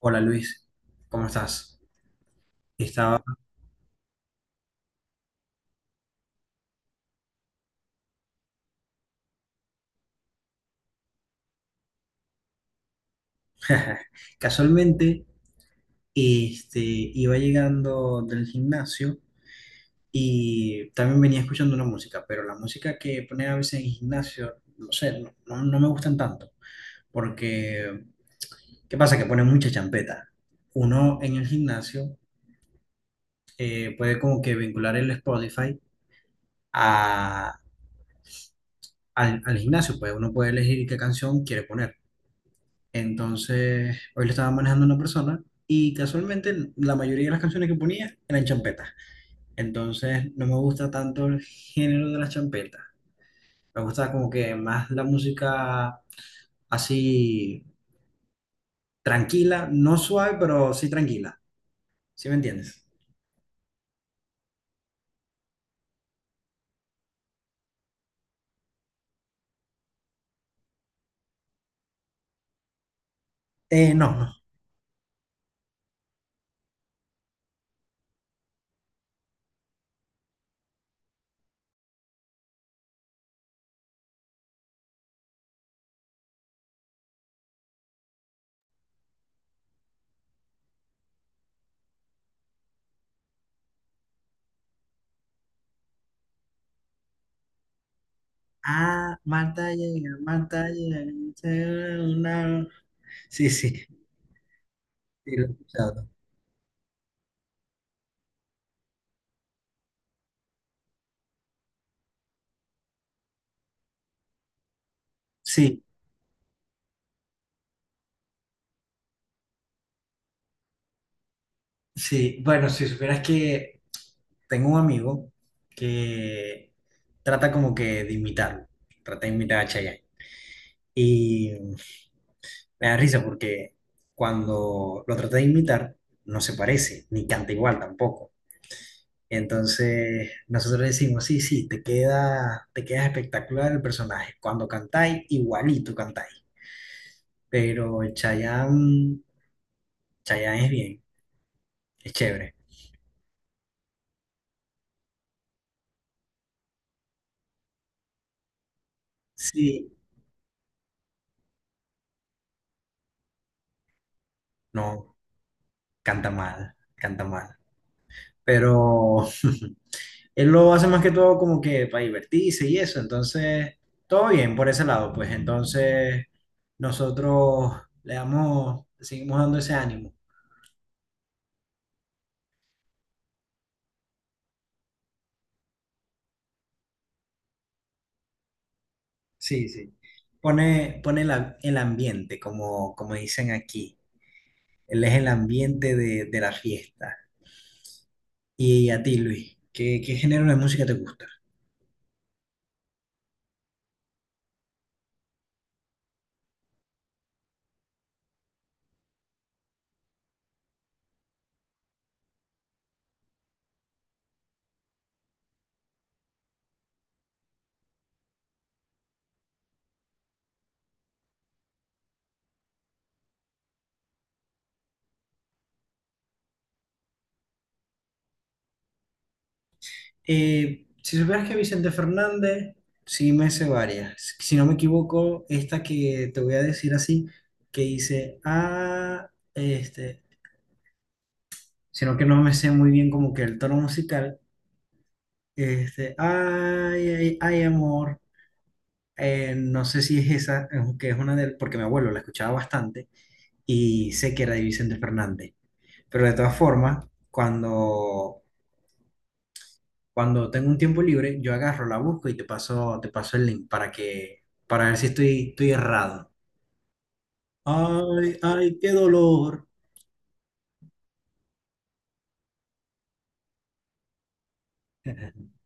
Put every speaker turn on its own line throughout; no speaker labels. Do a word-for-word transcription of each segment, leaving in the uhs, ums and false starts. Hola Luis, ¿cómo estás? Estaba casualmente, este, iba llegando del gimnasio y también venía escuchando una música, pero la música que ponen a veces en el gimnasio, no sé, no, no- no me gustan tanto, porque ¿qué pasa? Que ponen mucha champeta. Uno en el gimnasio eh, puede como que vincular el Spotify a, al, al gimnasio, pues uno puede elegir qué canción quiere poner. Entonces, hoy lo estaba manejando una persona y casualmente la mayoría de las canciones que ponía eran champetas. Entonces, no me gusta tanto el género de las champetas. Me gusta como que más la música así tranquila, no suave, pero sí tranquila. ¿Sí me entiendes? Eh, no, no. Ah, Marta llega, Marta llega. Una. Sí, sí, sí, lo he escuchado. Sí, sí, bueno, si supieras que tengo un amigo que trata como que de imitarlo, trata de imitar a Chayanne. Y me da risa porque cuando lo trata de imitar, no se parece, ni canta igual tampoco. Entonces nosotros decimos, sí, sí, te queda, te queda espectacular el personaje. Cuando cantáis, igualito cantáis. Pero Chayanne, Chayanne es bien, es chévere. Sí, no, canta mal, canta mal, pero él lo hace más que todo como que para divertirse y eso, entonces todo bien por ese lado, pues entonces nosotros le damos, le seguimos dando ese ánimo, sí, sí, pone, pone la- el ambiente, como, como dicen aquí, él es el ambiente de, de la fiesta. Y a ti, Luis, ¿qué, qué género de música te gusta? Eh, si supieras que Vicente Fernández, sí me sé varias. Si no me equivoco, esta que te voy a decir así, que dice, ah, este, sino que no me sé muy bien como que el tono musical, este, ay, ay, ay, amor. Eh, no sé si es esa, eh, que es una del, porque mi abuelo la escuchaba bastante y sé que era de Vicente Fernández. Pero de todas formas, cuando cuando tengo un tiempo libre, yo agarro, la busco y te paso, te paso el link para que, para ver si estoy, estoy errado. Ay, ay, qué dolor.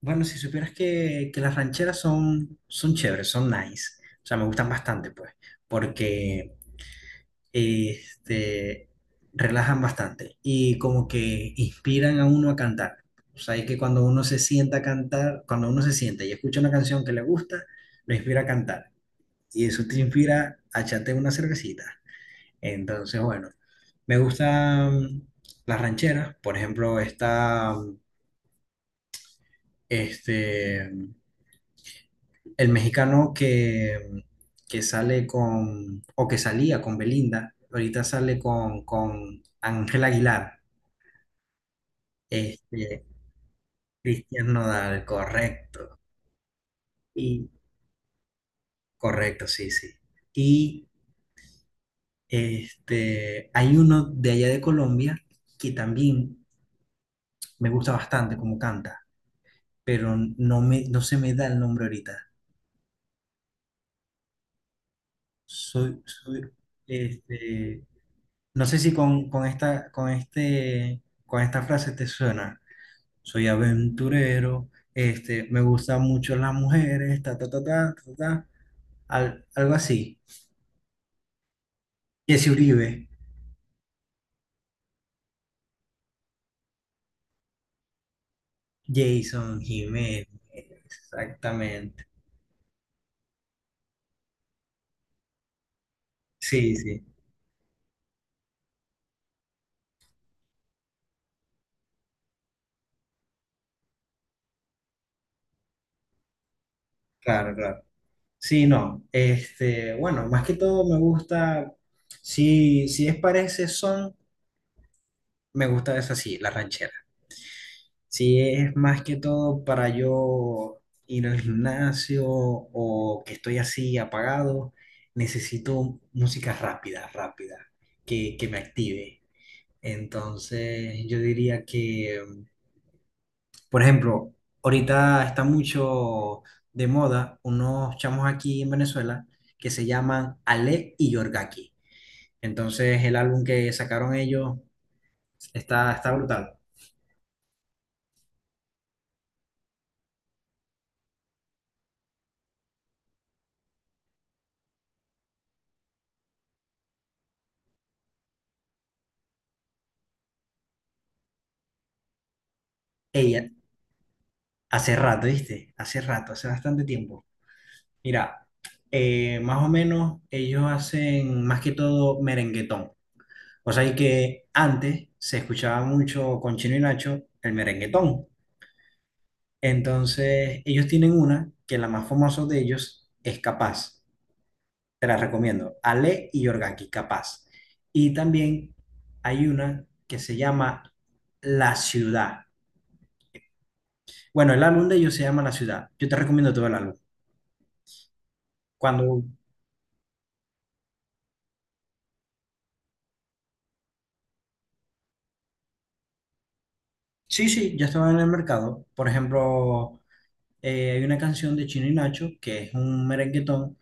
Bueno, si supieras que, que las rancheras son, son chéveres, son nice. O sea, me gustan bastante, pues, porque este, relajan bastante y como que inspiran a uno a cantar. O sea, es que cuando uno se sienta a cantar, cuando uno se sienta y escucha una canción que le gusta, lo inspira a cantar. Y eso te inspira a echarte una cervecita. Entonces, bueno, me gustan las rancheras, por ejemplo, está este, el mexicano que, mm, que sale con, o que salía con Belinda, ahorita sale con, con Ángel Aguilar, este, Cristian Nodal, correcto, y correcto, sí, sí. Y este, hay uno de allá de Colombia que también me gusta bastante como canta, pero no me, no se me da el nombre ahorita. Soy, soy, este, no sé si con, con esta, con este, con esta frase te suena. Soy aventurero, este, me gustan mucho las mujeres, ta, ta, ta, ta, ta, ta, al- algo así. Jesse Uribe, Jason Jiménez, exactamente. Sí, sí, claro, claro. Sí, no, este, bueno, más que todo me gusta, si, si es parece son. Me gusta eso así, la ranchera. Si es más que todo para yo ir al gimnasio o que estoy así apagado, necesito música rápida, rápida, que, que me active. Entonces, yo diría que, por ejemplo, ahorita está mucho de moda unos chamos aquí en Venezuela que se llaman Ale y Yorgaki. Entonces, el álbum que sacaron ellos está, está brutal. Ella, hace rato, ¿viste? Hace rato, hace bastante tiempo. Mira, eh, más o menos ellos hacen más que todo merenguetón. O sea, y que antes se escuchaba mucho con Chino y Nacho el merenguetón. Entonces, ellos tienen una que la más famosa de ellos es Capaz. Te la recomiendo. Ale y Yorgaki, Capaz. Y también hay una que se llama La Ciudad. Bueno, el álbum de ellos se llama La Ciudad. Yo te recomiendo todo el álbum. Cuando sí, sí, ya estaba en el mercado. Por ejemplo, eh, hay una canción de Chino y Nacho que es un merenguetón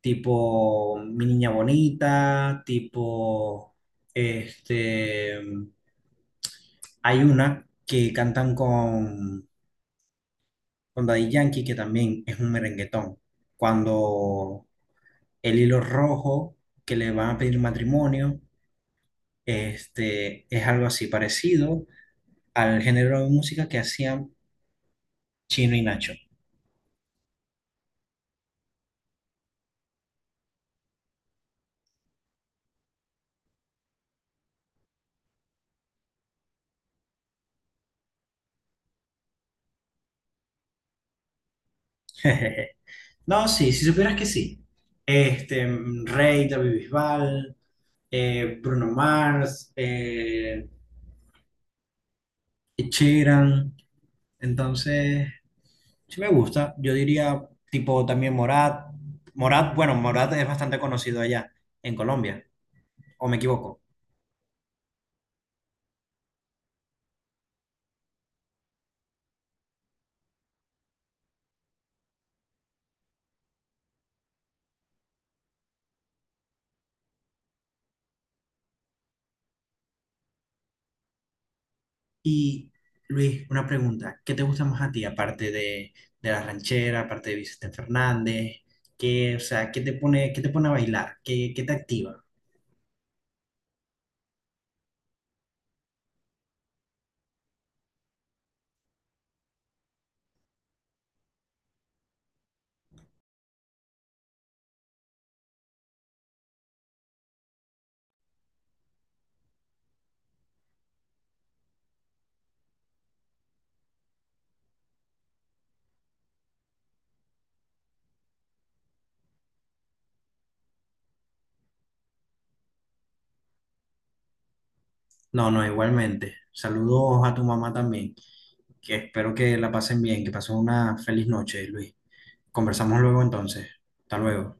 tipo Mi Niña Bonita, tipo, este, hay una que cantan con, con Daddy Yankee que también es un merenguetón. Cuando el hilo rojo que le van a pedir matrimonio, este, es algo así parecido al género de música que hacían Chino y Nacho. No, sí, si supieras que sí. Este, mm, Rey, David Bisbal, eh, Bruno Mars, eh, Ed Sheeran. Entonces, sí me gusta. Yo diría, tipo, también Morat. Morat, bueno, Morat es bastante conocido allá, en Colombia, o me equivoco. Y, Luis, una pregunta. ¿Qué te gusta más a ti, aparte de, de la ranchera, aparte de Vicente Fernández? ¿Qué, o sea, qué te pone, qué te pone a bailar? ¿Qué, qué te activa? No, no, igualmente. Saludos a tu mamá también, que espero que la pasen bien, que pasen una feliz noche, Luis. Conversamos luego entonces. Hasta luego.